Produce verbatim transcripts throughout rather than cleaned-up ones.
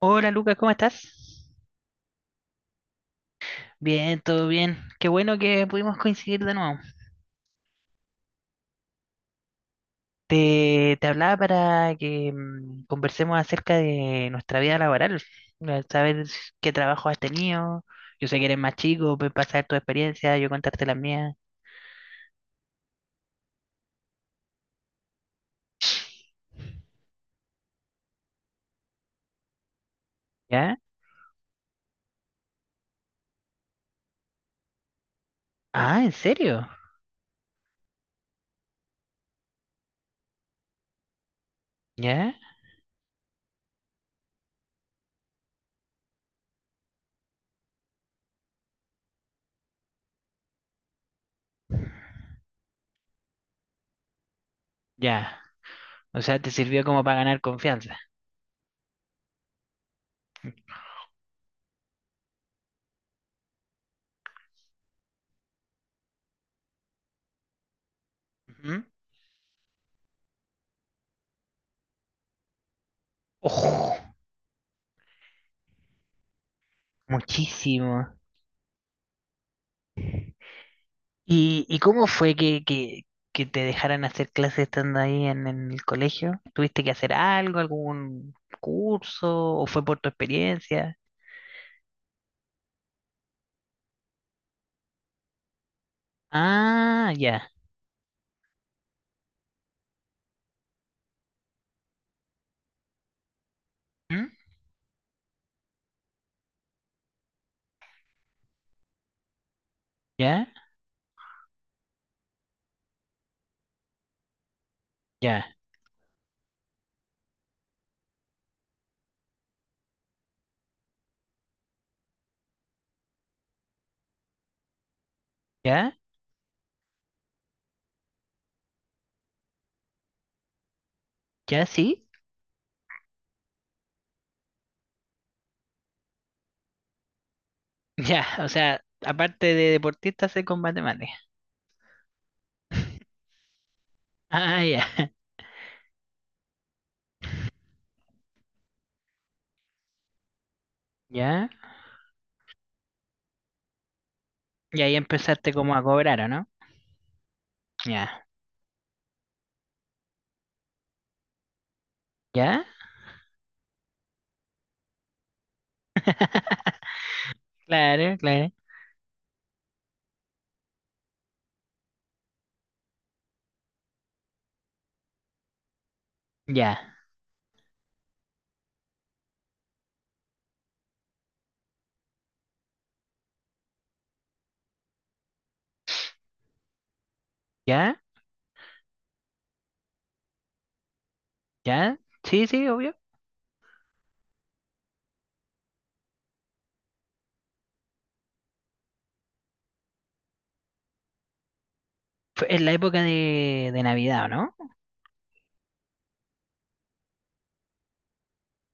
Hola Lucas, ¿cómo estás? Bien, todo bien. Qué bueno que pudimos coincidir de nuevo. Te, te hablaba para que mm, conversemos acerca de nuestra vida laboral, eh, saber qué trabajo has tenido. Yo sé que eres más chico, puedes pasar tu experiencia, yo contarte la mía. ¿Ya? Ah, ¿en serio? ¿Ya? Ya. O sea, te sirvió como para ganar confianza. Ujú. Ojo, muchísimo. ¿Y, y cómo fue que, que, que te dejaran hacer clases estando ahí en, en el colegio? ¿Tuviste que hacer algo, algún curso, o fue por tu experiencia? Ah, ya. ¿Mm? ¿Ya? ¿Ya? ¿Ya? ¿Ya? ¿Sí? Ya, o sea, aparte de deportista, sé con matemáticas. Ah, ya. ¿Ya? Y ahí empezaste como a cobrar, ¿o no? Ya. ¿Ya? Claro, claro. Ya, ya, ya. Sí, sí, obvio. Fue en la época de, de Navidad, ¿o no?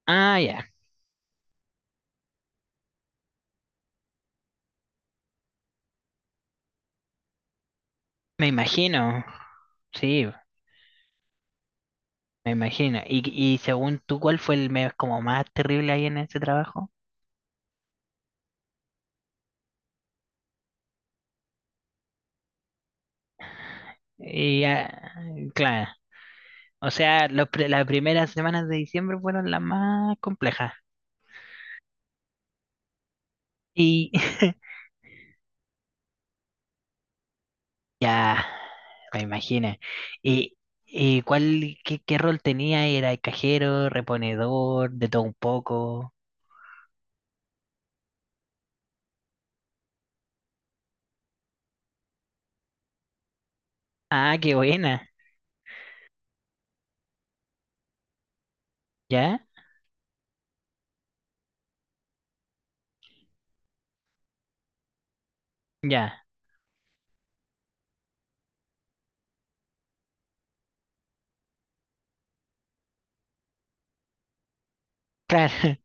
Ah, ya. Me imagino, sí, me imagino. Y, y según tú, ¿cuál fue el mes como más terrible ahí en ese trabajo? Y ya, claro, o sea, los pri- las primeras semanas de diciembre fueron las más complejas. Y ya, me imagino. ¿Y, y cuál, qué, qué rol tenía? ¿Era el cajero, reponedor, de todo un poco? Ah, qué buena. ¿Ya? Ya. Claro,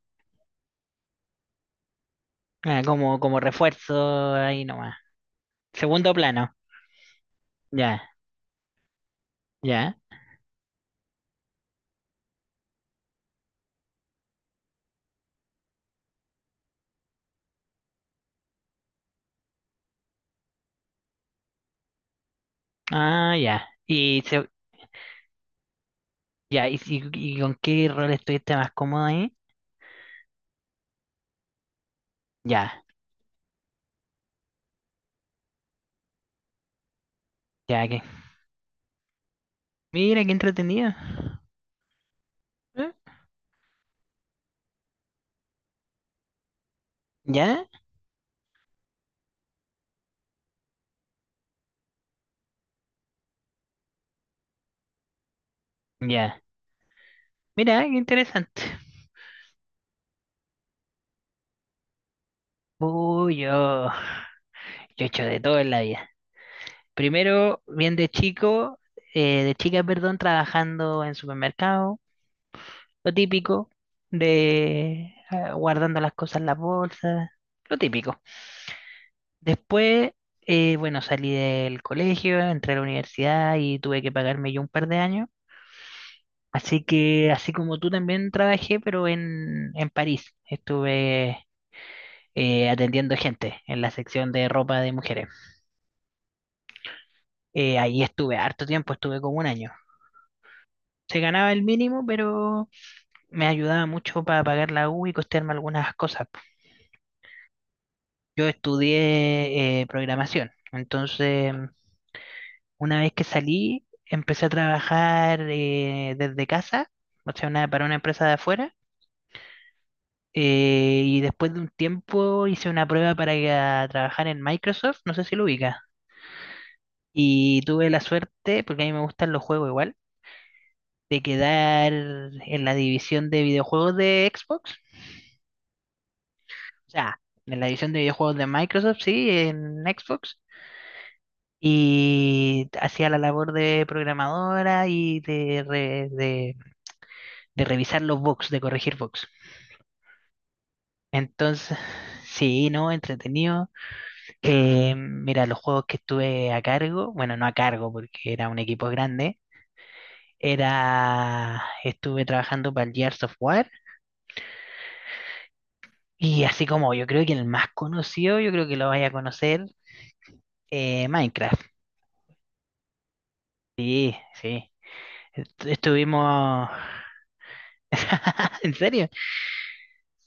ah, como, como refuerzo ahí nomás. Segundo plano. Ya. Ya. Ah, ya. Y se, ya, y, si- ¿y con qué rol estuviste más cómodo ahí? Ya, ya que. Mira, qué entretenido. ¿Eh? ¿Ya? Ya. Mira, qué interesante. Uy, yo, yo he hecho de todo en la vida. Primero, bien de chico, eh, de chica, perdón, trabajando en supermercado, lo típico, de ah, guardando las cosas en las bolsas, lo típico. Después, eh, bueno, salí del colegio, entré a la universidad y tuve que pagarme yo un par de años. Así que, así como tú también trabajé, pero en, en París. Estuve eh, atendiendo gente en la sección de ropa de mujeres. Eh, ahí estuve harto tiempo, estuve como un año. Se ganaba el mínimo, pero me ayudaba mucho para pagar la U y costearme algunas cosas, po. Yo estudié eh, programación, entonces una vez que salí, empecé a trabajar eh, desde casa, o sea, una- para una empresa de afuera. eh, y después de un tiempo hice una prueba para ir a trabajar en Microsoft, no sé si lo ubica. Y tuve la suerte, porque a mí me gustan los juegos igual, de quedar en la división de videojuegos de Xbox. O sea, en la división de videojuegos de Microsoft, sí, en Xbox. Y hacía la labor de programadora y de, re- de, de revisar los bugs, de corregir bugs. Entonces, sí, ¿no? Entretenido. Eh, mira, los juegos que estuve a cargo, bueno, no a cargo porque era un equipo grande, era, estuve trabajando para el Gears of War y así como yo creo que el más conocido, yo creo que lo vaya a conocer, eh, Minecraft. Sí, sí. Est- Estuvimos... ¿En serio?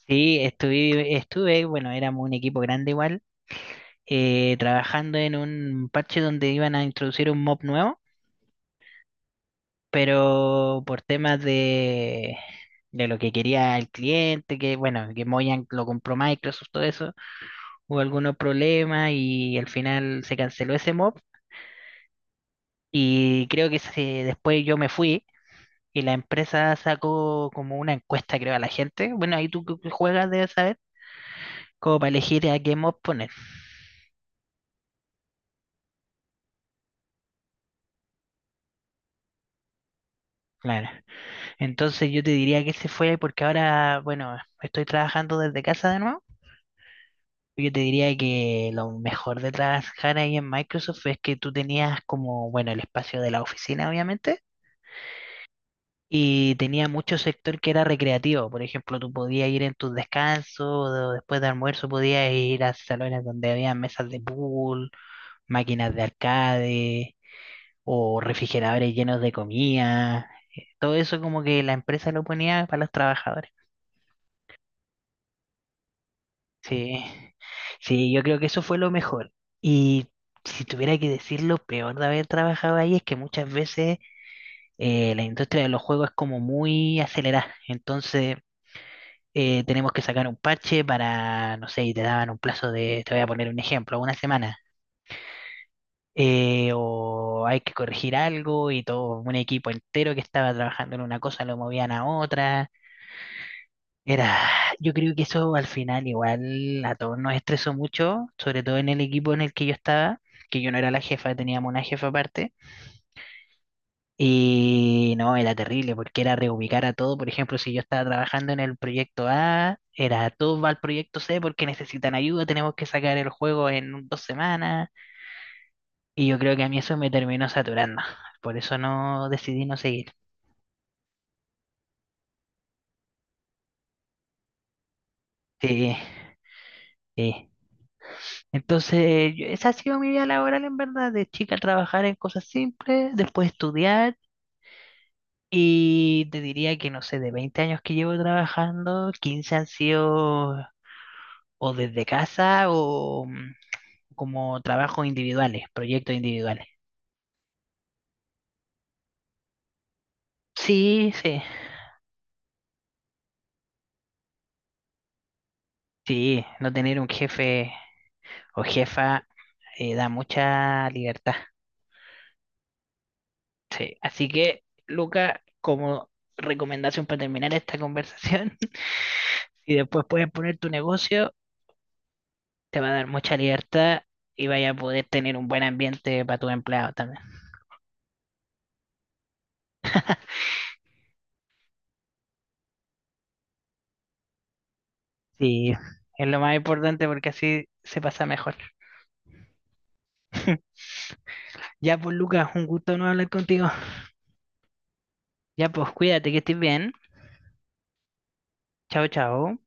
Sí, estuve, estuve, bueno, éramos un equipo grande igual, eh, trabajando en un parche donde iban a introducir un mob nuevo. Pero por temas de, de lo que quería el cliente, que bueno, que Mojang lo compró Microsoft, todo eso, hubo algunos problemas y al final se canceló ese mob y creo que se- después yo me fui y la empresa sacó como una encuesta, creo, a la gente, bueno, ahí tú que que juegas debes saber, como para elegir a qué mob poner. Claro, entonces yo te diría que se fue porque ahora, bueno, estoy trabajando desde casa de nuevo. Yo te diría que lo mejor de trabajar ahí en Microsoft es que tú tenías como, bueno, el espacio de la oficina, obviamente, y tenía mucho sector que era recreativo. Por ejemplo, tú podías ir en tus descansos, o después de almuerzo podías ir a salones donde había mesas de pool, máquinas de arcade o refrigeradores llenos de comida. Eh, Todo eso como que la empresa lo ponía para los trabajadores. Sí, sí, yo creo que eso fue lo mejor. Y si tuviera que decir lo peor de haber trabajado ahí es que muchas veces eh, la industria de los juegos es como muy acelerada. Entonces eh, tenemos que sacar un parche para, no sé, y te daban un plazo de, te voy a poner un ejemplo, una semana. Eh, o hay que corregir algo y todo un equipo entero que estaba trabajando en una cosa lo movían a otra. Era, yo creo que eso al final igual a todos nos estresó mucho, sobre todo en el equipo en el que yo estaba, que yo no era la jefa, teníamos una jefa aparte. Y no, era terrible porque era reubicar a todo. Por ejemplo, si yo estaba trabajando en el proyecto A, era todo va al proyecto C porque necesitan ayuda, tenemos que sacar el juego en dos semanas. Y yo creo que a mí eso me terminó saturando. Por eso no decidí no seguir. Sí, sí. Entonces, yo- esa ha sido mi vida laboral en verdad, de chica trabajar en cosas simples, después estudiar y te diría que no sé, de veinte años que llevo trabajando, quince han sido o desde casa o mm, como trabajos individuales, proyectos individuales. Sí, sí, sí, no tener un jefe o jefa eh, da mucha libertad. Sí, así que, Luca, como recomendación para terminar esta conversación, si después puedes poner tu negocio, te va a dar mucha libertad y vaya a poder tener un buen ambiente para tu empleado también. Sí, es lo más importante porque así se pasa mejor. Ya pues, Lucas, un gusto no hablar contigo. Ya pues, cuídate que estés bien. Chao, chao.